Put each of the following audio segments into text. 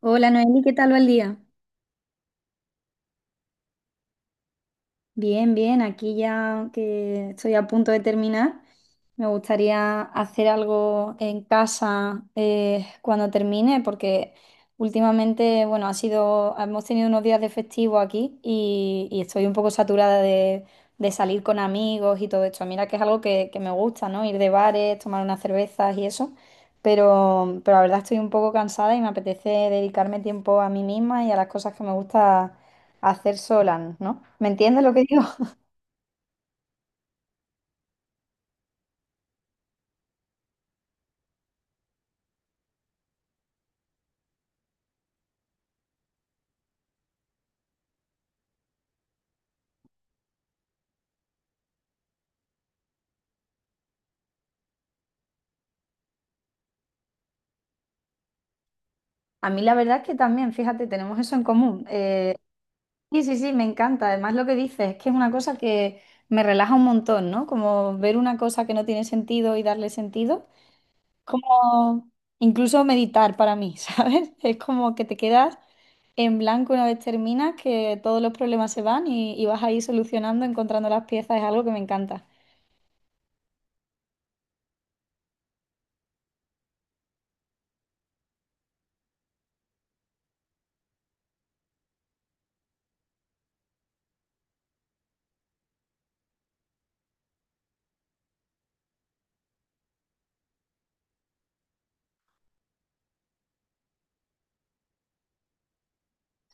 Hola Noeli, ¿qué tal va el día? Bien, bien, aquí ya que estoy a punto de terminar, me gustaría hacer algo en casa cuando termine, porque últimamente, bueno, hemos tenido unos días de festivo aquí y estoy un poco saturada de salir con amigos y todo esto. Mira que es algo que me gusta, ¿no? Ir de bares, tomar unas cervezas y eso, pero la verdad estoy un poco cansada y me apetece dedicarme tiempo a mí misma y a las cosas que me gusta hacer solan, ¿no? ¿Me entiendes lo que digo? A mí la verdad es que también, fíjate, tenemos eso en común. Sí, sí, sí, me encanta. Además lo que dices es que es una cosa que me relaja un montón, ¿no? Como ver una cosa que no tiene sentido y darle sentido. Como incluso meditar para mí, ¿sabes? Es como que te quedas en blanco una vez terminas, que todos los problemas se van y vas ahí solucionando, encontrando las piezas. Es algo que me encanta.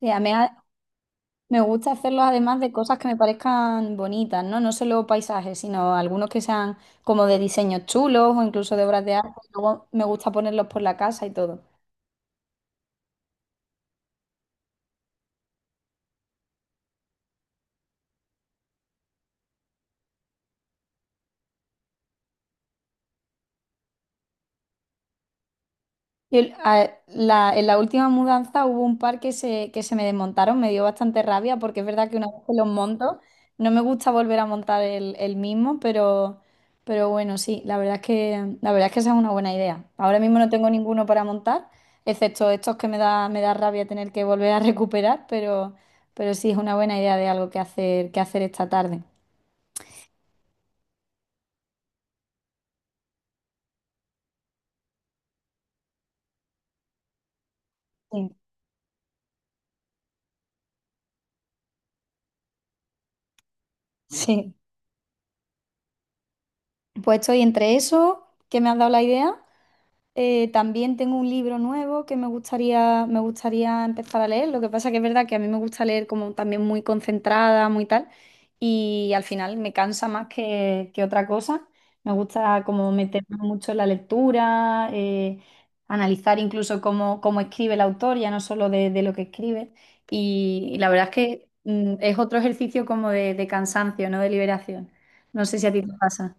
Sí, me gusta hacerlos además de cosas que me parezcan bonitas, ¿no? No solo paisajes, sino algunos que sean como de diseños chulos o incluso de obras de arte. Luego me gusta ponerlos por la casa y todo. En la última mudanza hubo un par que se me desmontaron, me dio bastante rabia porque es verdad que una vez que los monto, no me gusta volver a montar el mismo, pero bueno, sí, la verdad es que esa es una buena idea. Ahora mismo no tengo ninguno para montar, excepto estos que me da rabia tener que volver a recuperar, pero sí es una buena idea de algo que hacer esta tarde. Sí. Sí. Pues estoy entre eso, que me has dado la idea. También tengo un libro nuevo que me gustaría empezar a leer. Lo que pasa que es verdad que a mí me gusta leer como también muy concentrada, muy tal, y al final me cansa más que otra cosa. Me gusta como meterme mucho en la lectura, analizar incluso cómo escribe el autor, ya no solo de lo que escribe. Y la verdad es que es otro ejercicio como de cansancio, no de liberación. No sé si a ti te pasa.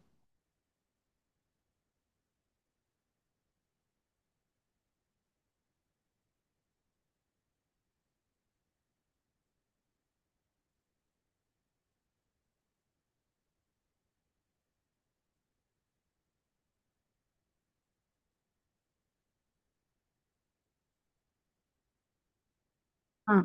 Ah.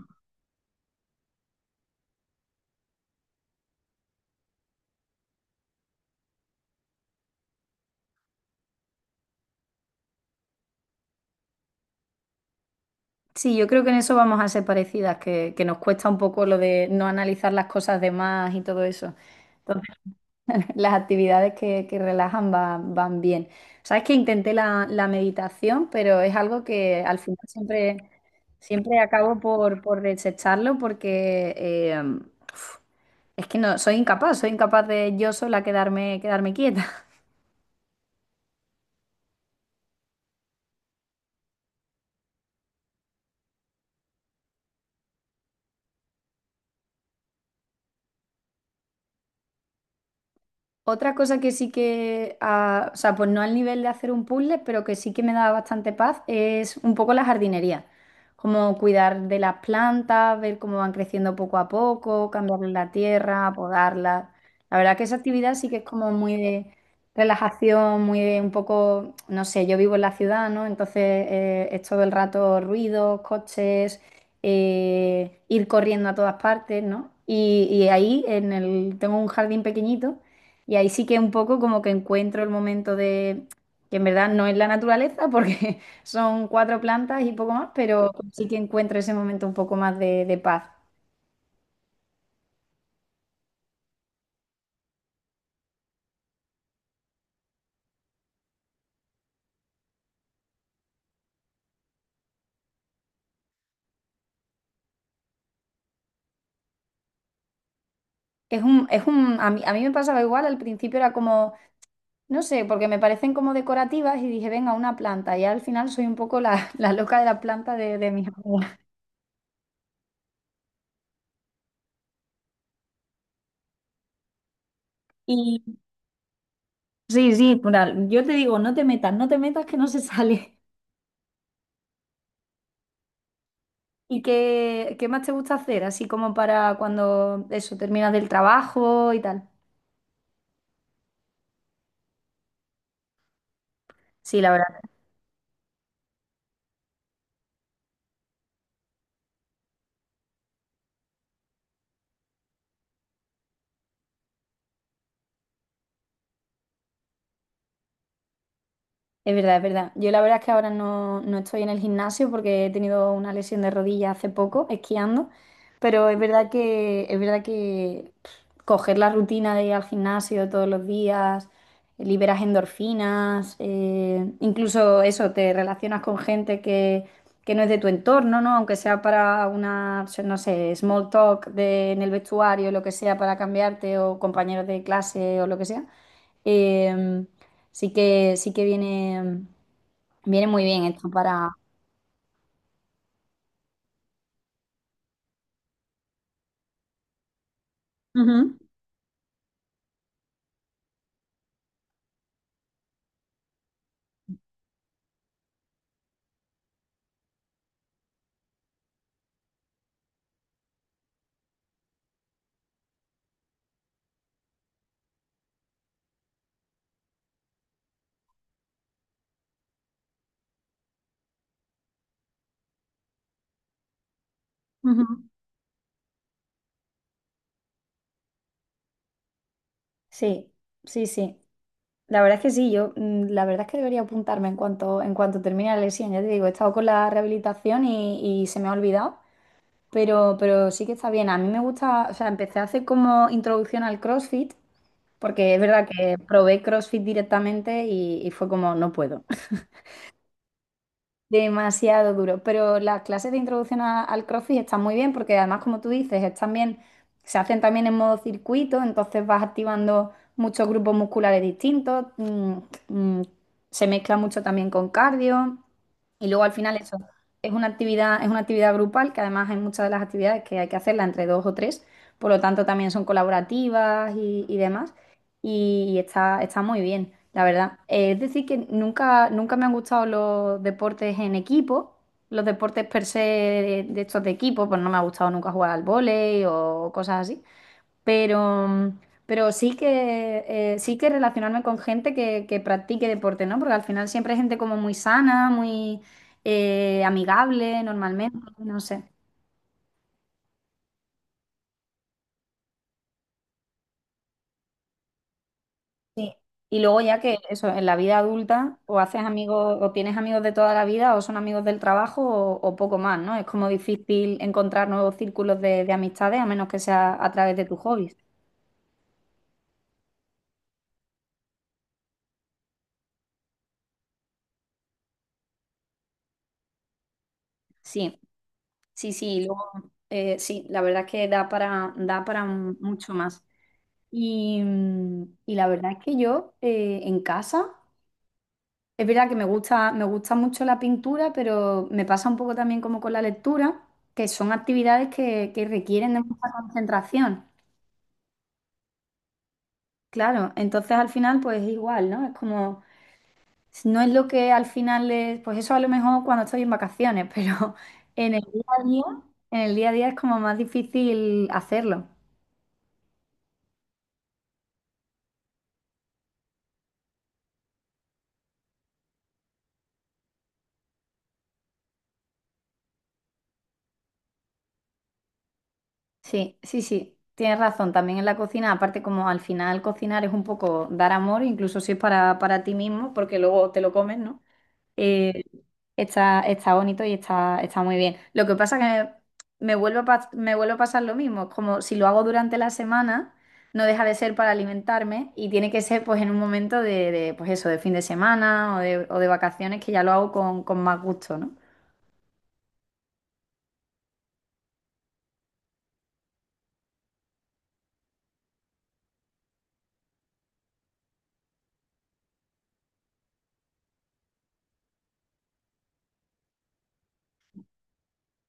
Sí, yo creo que en eso vamos a ser parecidas, que nos cuesta un poco lo de no analizar las cosas de más y todo eso. Entonces, las actividades que relajan van bien. Sabes que intenté la meditación, pero es algo que al final siempre, siempre acabo por desecharlo porque uf, es que no, soy incapaz de yo sola quedarme quieta. Otra cosa que sí que, ah, o sea, pues no al nivel de hacer un puzzle, pero que sí que me da bastante paz, es un poco la jardinería. Como cuidar de las plantas, ver cómo van creciendo poco a poco, cambiarles la tierra, podarlas. La verdad que esa actividad sí que es como muy de relajación, muy de un poco, no sé, yo vivo en la ciudad, ¿no? Entonces es todo el rato ruidos, coches, ir corriendo a todas partes, ¿no? Y ahí tengo un jardín pequeñito. Y ahí sí que un poco como que encuentro el momento de, que en verdad no es la naturaleza, porque son cuatro plantas y poco más, pero sí que encuentro ese momento un poco más de paz. Es un, a mí me pasaba igual, al principio era como, no sé, porque me parecen como decorativas y dije, venga, una planta, y al final soy un poco la loca de la planta de mis amigas. Y sí, sí, plural, yo te digo, no te metas, no te metas que no se sale. ¿Y qué más te gusta hacer? Así como para cuando eso terminas del trabajo y tal. Sí, la verdad es verdad, es verdad. Yo la verdad es que ahora no estoy en el gimnasio porque he tenido una lesión de rodilla hace poco, esquiando, pero es verdad que pff, coger la rutina de ir al gimnasio todos los días, liberas endorfinas, incluso eso, te relacionas con gente que no es de tu entorno, ¿no? Aunque sea para una, no sé, small talk en el vestuario, lo que sea, para cambiarte, o compañeros de clase o lo que sea. Em, sí que viene muy bien esto para... Ujú, ujú. Sí, sí, sí. La verdad es que sí, yo la verdad es que debería apuntarme en cuanto termine la lesión. Ya te digo, he estado con la rehabilitación y se me ha olvidado, pero sí que está bien. A mí me gusta, o sea, empecé a hacer como introducción al CrossFit, porque es verdad que probé CrossFit directamente y fue como, no puedo. Demasiado duro, pero las clases de introducción al CrossFit están muy bien porque además, como tú dices, es también, se hacen también en modo circuito, entonces vas activando muchos grupos musculares distintos, mm, se mezcla mucho también con cardio y luego al final eso es una actividad grupal que además hay muchas de las actividades que hay que hacerla entre dos o tres, por lo tanto también son colaborativas y demás y está muy bien, la verdad. Es decir, que nunca, nunca me han gustado los deportes en equipo, los deportes per se de estos de equipo, pues no me ha gustado nunca jugar al vóley o cosas así, pero, mm, pero sí que relacionarme con gente que practique deporte, ¿no? Porque al final siempre hay gente como muy sana, muy amigable normalmente, no sé. Sí. Y luego ya que eso, en la vida adulta, o haces amigos, o tienes amigos de toda la vida, o son amigos del trabajo, o poco más, ¿no? Es como difícil encontrar nuevos círculos de amistades, a menos que sea a través de tus hobbies. Sí, sí, sí, y luego, sí, la verdad es que da para mucho más. Y la verdad es que yo en casa. Es verdad que me gusta mucho la pintura, pero me pasa un poco también como con la lectura, que son actividades que requieren de mucha concentración. Claro, entonces al final pues es igual, ¿no? Es como, no es lo que al final es, pues eso a lo mejor cuando estoy en vacaciones, pero en el día a día, en el día a día es como más difícil hacerlo. Sí, sí, sí, tienes razón, también en la cocina, aparte como al final cocinar es un poco dar amor, incluso si es para ti mismo, porque luego te lo comes, ¿no? Eh, está bonito y está muy bien. Lo que pasa que me vuelve a pasar lo mismo, como si lo hago durante la semana, no deja de ser para alimentarme y tiene que ser pues en un momento pues eso, de fin de semana o de vacaciones que ya lo hago con más gusto, ¿no?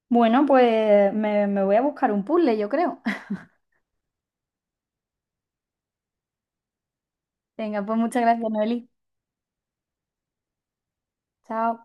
Bueno, pues me voy a buscar un puzzle, yo creo. Venga, pues muchas gracias, Noeli. Chao.